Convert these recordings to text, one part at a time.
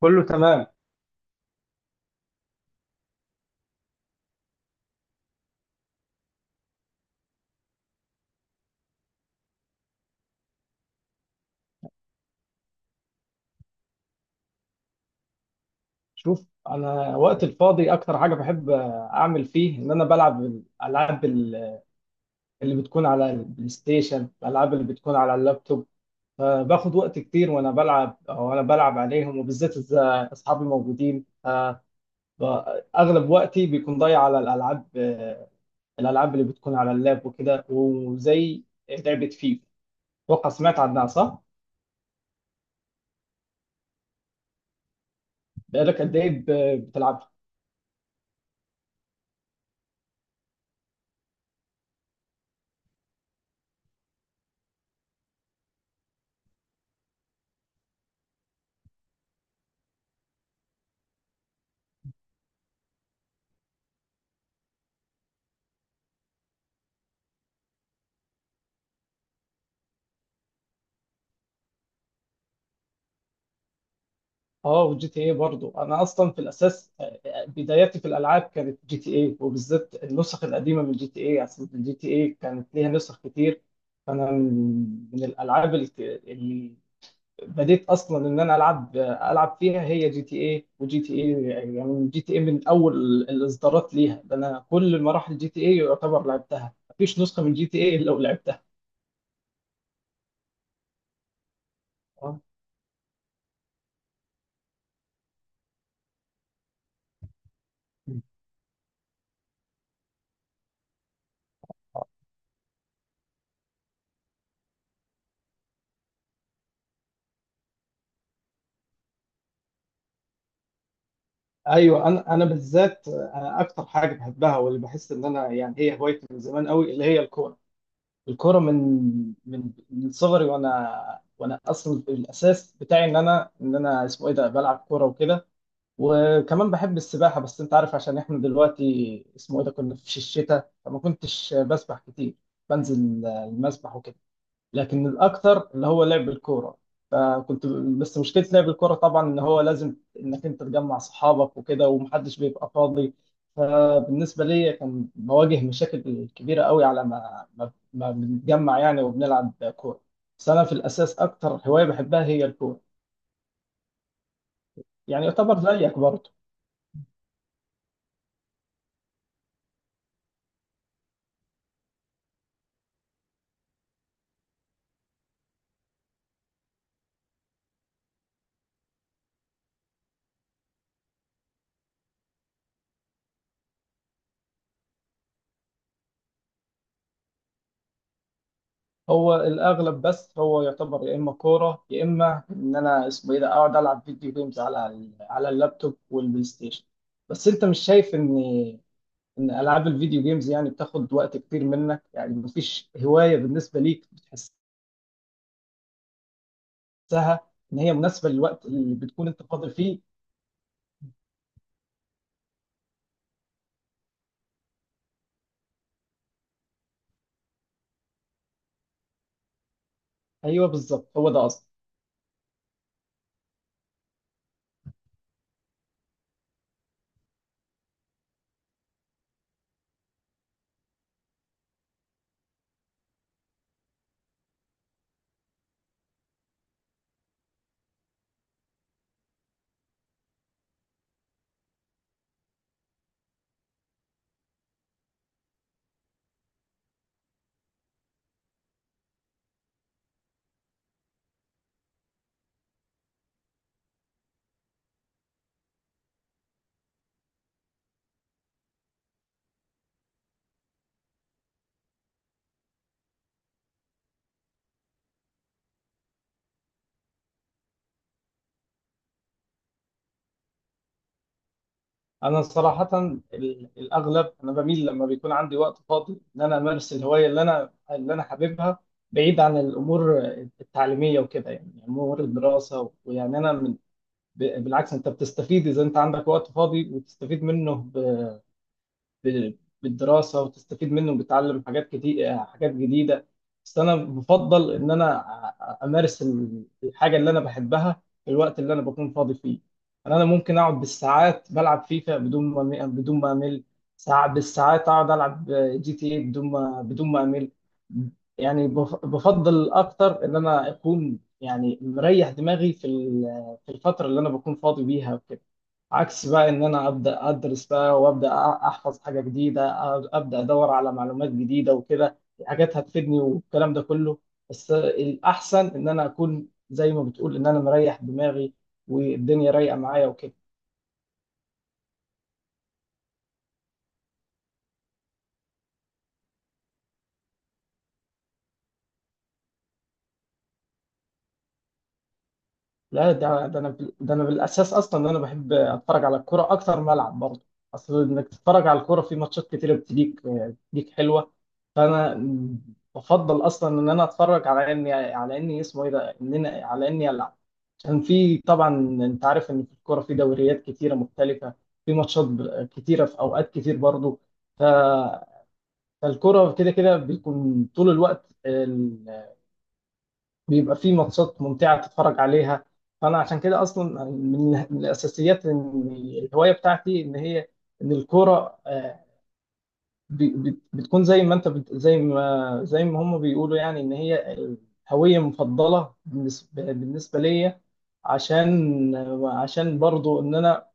كله تمام. شوف، انا وقت الفاضي اكتر حاجه بحب اعمل فيه ان انا بلعب الالعاب اللي بتكون على البلاي ستيشن، الالعاب اللي بتكون على اللابتوب، فباخد وقت كتير وانا بلعب، وانا بلعب عليهم، وبالذات اذا اصحابي موجودين. ب- اغلب وقتي بيكون ضايع على الالعاب، الالعاب اللي بتكون على اللاب وكده، وزي لعبه فيفا، اتوقع سمعت عنها صح؟ بقالك قد ايه بتلعب؟ اه، وجي تي اي برضه انا اصلا في الاساس، بداياتي في الالعاب كانت جي تي اي، وبالذات النسخ القديمه من جي تي اي، اصل جي تي اي كانت ليها نسخ كتير. فانا من الالعاب اللي بديت اصلا ان انا العب العب فيها هي جي تي اي، وجي تي اي يعني جي تي اي من اول الاصدارات ليها. ده انا كل مراحل جي تي اي يعتبر لعبتها، مفيش نسخه من جي تي اي الا ولعبتها. آه. ايوه، انا بالذات انا اكتر حاجه بحبها واللي بحس ان انا يعني هي هوايتي من زمان قوي اللي هي الكوره. الكوره من صغري، وانا اصلا الاساس بتاعي ان انا ان انا اسمه ايه ده بلعب كوره وكده. وكمان بحب السباحه، بس انت عارف عشان احنا دلوقتي اسمه ايه ده كنا في الشتاء فما كنتش بسبح كتير، بنزل المسبح وكده. لكن الاكثر اللي هو لعب الكوره. فكنت، بس مشكله لعب الكوره طبعا ان هو لازم انك انت تجمع صحابك وكده ومحدش بيبقى فاضي، فبالنسبه لي كان بواجه مشاكل كبيره قوي على ما بنتجمع يعني وبنلعب كوره. بس انا في الاساس اكتر هوايه بحبها هي الكوره. يعني يعتبر زيك برضه. هو الاغلب بس هو يعتبر يا اما كوره يا اما ان انا اسمه ايه ده اقعد العب فيديو جيمز على اللابتوب والبلاي ستيشن. بس انت مش شايف ان ان العاب الفيديو جيمز يعني بتاخد وقت كتير منك؟ يعني مفيش هوايه بالنسبه ليك بتحسها ان هي مناسبه للوقت اللي بتكون انت فاضي فيه؟ ايوه، بالظبط، هو ده اصلا. انا صراحه الاغلب انا بميل لما بيكون عندي وقت فاضي ان انا امارس الهوايه اللي انا حاببها، بعيد عن الامور التعليميه وكده، يعني امور الدراسه. ويعني انا بالعكس، انت بتستفيد اذا انت عندك وقت فاضي وتستفيد منه ب- بالدراسه وتستفيد منه وبتتعلم حاجات كتير، حاجات جديده. بس انا بفضل ان انا امارس الحاجه اللي انا بحبها في الوقت اللي انا بكون فاضي فيه. انا ممكن اقعد بالساعات بلعب فيفا بدون ما امل. ساعات بالساعات اقعد العب جي تي اي بدون ما امل. يعني بفضل اكتر ان انا اكون يعني مريح دماغي في الفتره اللي انا بكون فاضي بيها، عكس بقى ان انا ابدا ادرس بقى، وابدا احفظ حاجه جديده، ابدا ادور على معلومات جديده وكده، حاجات هتفيدني والكلام ده كله. بس الاحسن ان انا اكون زي ما بتقول ان انا مريح دماغي والدنيا رايقه معايا وكده. لا، ده انا ده انا بالاساس اصلا ان انا بحب اتفرج على الكوره اكتر ما العب برضه. اصل انك تتفرج على الكوره في ماتشات كتيره، بتليك حلوه، فانا بفضل اصلا ان انا اتفرج على اني اسمه ايه ده ان انا على اني العب. كان في طبعا انت عارف ان في الكوره في دوريات كتيره مختلفه، في ماتشات كتيره، في اوقات كتير برضو. ف... فالكوره كده كده بيكون طول الوقت بيبقى في ماتشات ممتعه تتفرج عليها. فانا عشان كده اصلا من من الاساسيات ان الهوايه بتاعتي ان هي، ان الكوره، بتكون زي ما هم بيقولوا يعني ان هي الهوية مفضلة بالنسبة ليا، عشان عشان برضو ان انا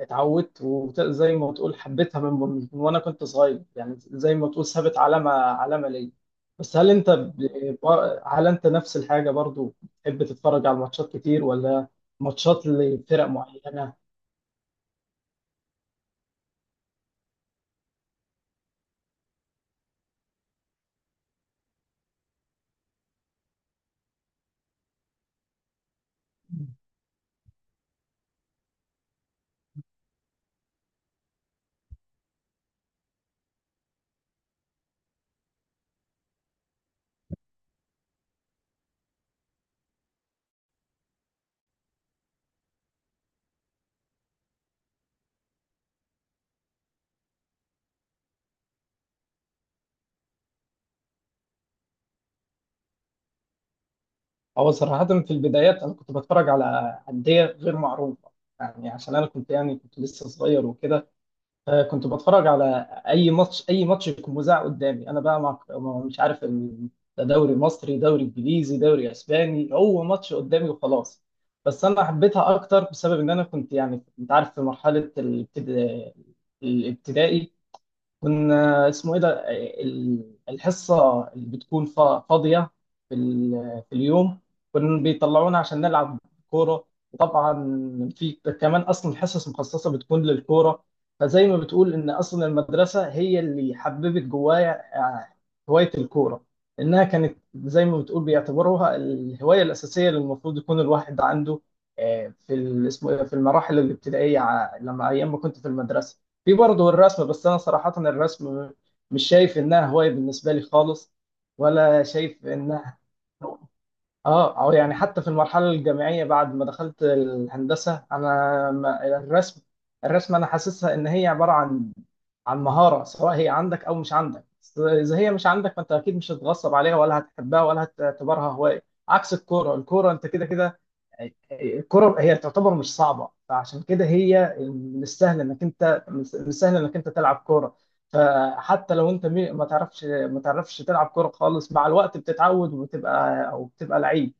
اتعودت، وزي ما تقول حبيتها من وانا كنت صغير، يعني زي ما تقول سابت علامة ليا. بس هل انت هل انت نفس الحاجة برضو بتحب تتفرج على الماتشات كتير، ولا ماتشات لفرق معينة؟ هو صراحة في البدايات أنا كنت بتفرج على أندية غير معروفة، يعني عشان أنا كنت يعني كنت لسه صغير وكده، فكنت بتفرج على أي ماتش أي ماتش يكون مذاع قدامي، أنا بقى مع، مش عارف، ده دوري مصري، دوري إنجليزي، دوري أسباني، هو ماتش قدامي وخلاص. بس أنا حبيتها أكتر بسبب إن أنا كنت، يعني أنت عارف، في مرحلة الابتدائي كنا اسمه ايه ده الحصه اللي بتكون فاضيه في اليوم، كنا بيطلعونا عشان نلعب كوره. وطبعا في كمان اصلا الحصص مخصصه بتكون للكوره. فزي ما بتقول ان اصلا المدرسه هي اللي حببت جوايا، آه، هوايه الكوره، انها كانت زي ما بتقول بيعتبروها الهوايه الاساسيه اللي المفروض يكون الواحد عنده، اسمه إيه ده، في المراحل الابتدائيه لما ايام ما كنت في المدرسه. في برضه الرسم، بس انا صراحة الرسم مش شايف انها هواية بالنسبة لي خالص، ولا شايف انها، اه، او يعني حتى في المرحلة الجامعية بعد ما دخلت الهندسة انا الرسم، الرسم انا حاسسها ان هي عبارة عن عن مهارة، سواء هي عندك او مش عندك، بس اذا هي مش عندك فانت اكيد مش هتتغصب عليها ولا هتحبها ولا هتعتبرها هواية. عكس الكورة، الكورة انت كده كده، الكرة هي تعتبر مش صعبة، فعشان كده هي من السهل انك انت من السهل انك انت تلعب كرة. فحتى لو انت ما تعرفش ما تعرفش تلعب كرة خالص، مع الوقت بتتعود وبتبقى، او بتبقى لعيب.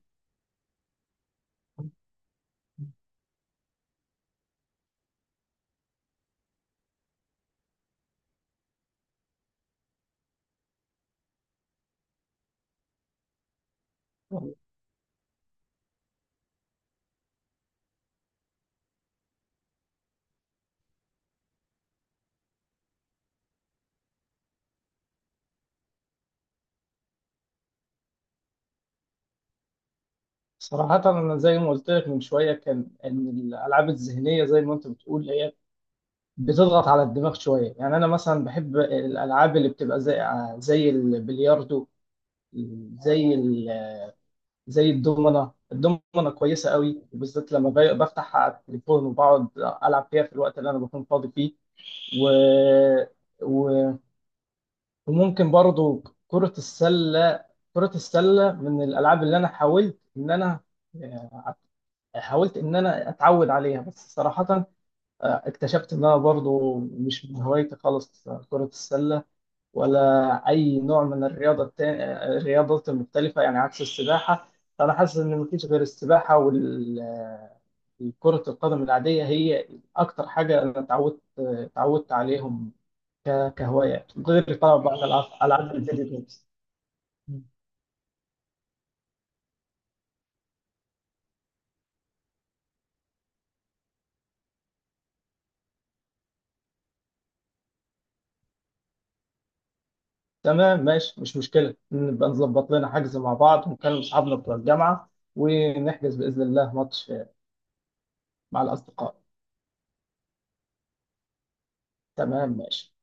صراحة أنا زي ما قلت لك من شوية كان إن الألعاب الذهنية زي ما أنت بتقول هي بتضغط على الدماغ شوية. يعني أنا مثلا بحب الألعاب اللي بتبقى زي، زي البلياردو، زي زي الدومنة. الدومنة كويسة قوي، وبالذات لما بفتح على التليفون وبقعد ألعب فيها في الوقت اللي أنا بكون فاضي فيه. و... و... وممكن برضو كرة السلة. كرة السلة من الألعاب اللي أنا حاولت إن أنا، آه، حاولت إن أنا أتعود عليها، بس صراحة، اكتشفت إن أنا برضو مش من هوايتي خالص، كرة السلة، ولا أي نوع من الرياضة التاني، الرياضات المختلفة، يعني عكس السباحة. فأنا حاسس إن مفيش غير السباحة وال كرة القدم العادية هي أكتر حاجة أنا اتعودت عليهم كهواية، غير طبعا بعض الألعاب، ألعاب الفيديو جيمز. تمام، ماشي، مش مشكلة، نبقى نظبط لنا حجز مع بعض ونكلم أصحابنا بتوع الجامعة ونحجز بإذن الله ماتش مع الأصدقاء. تمام، ماشي.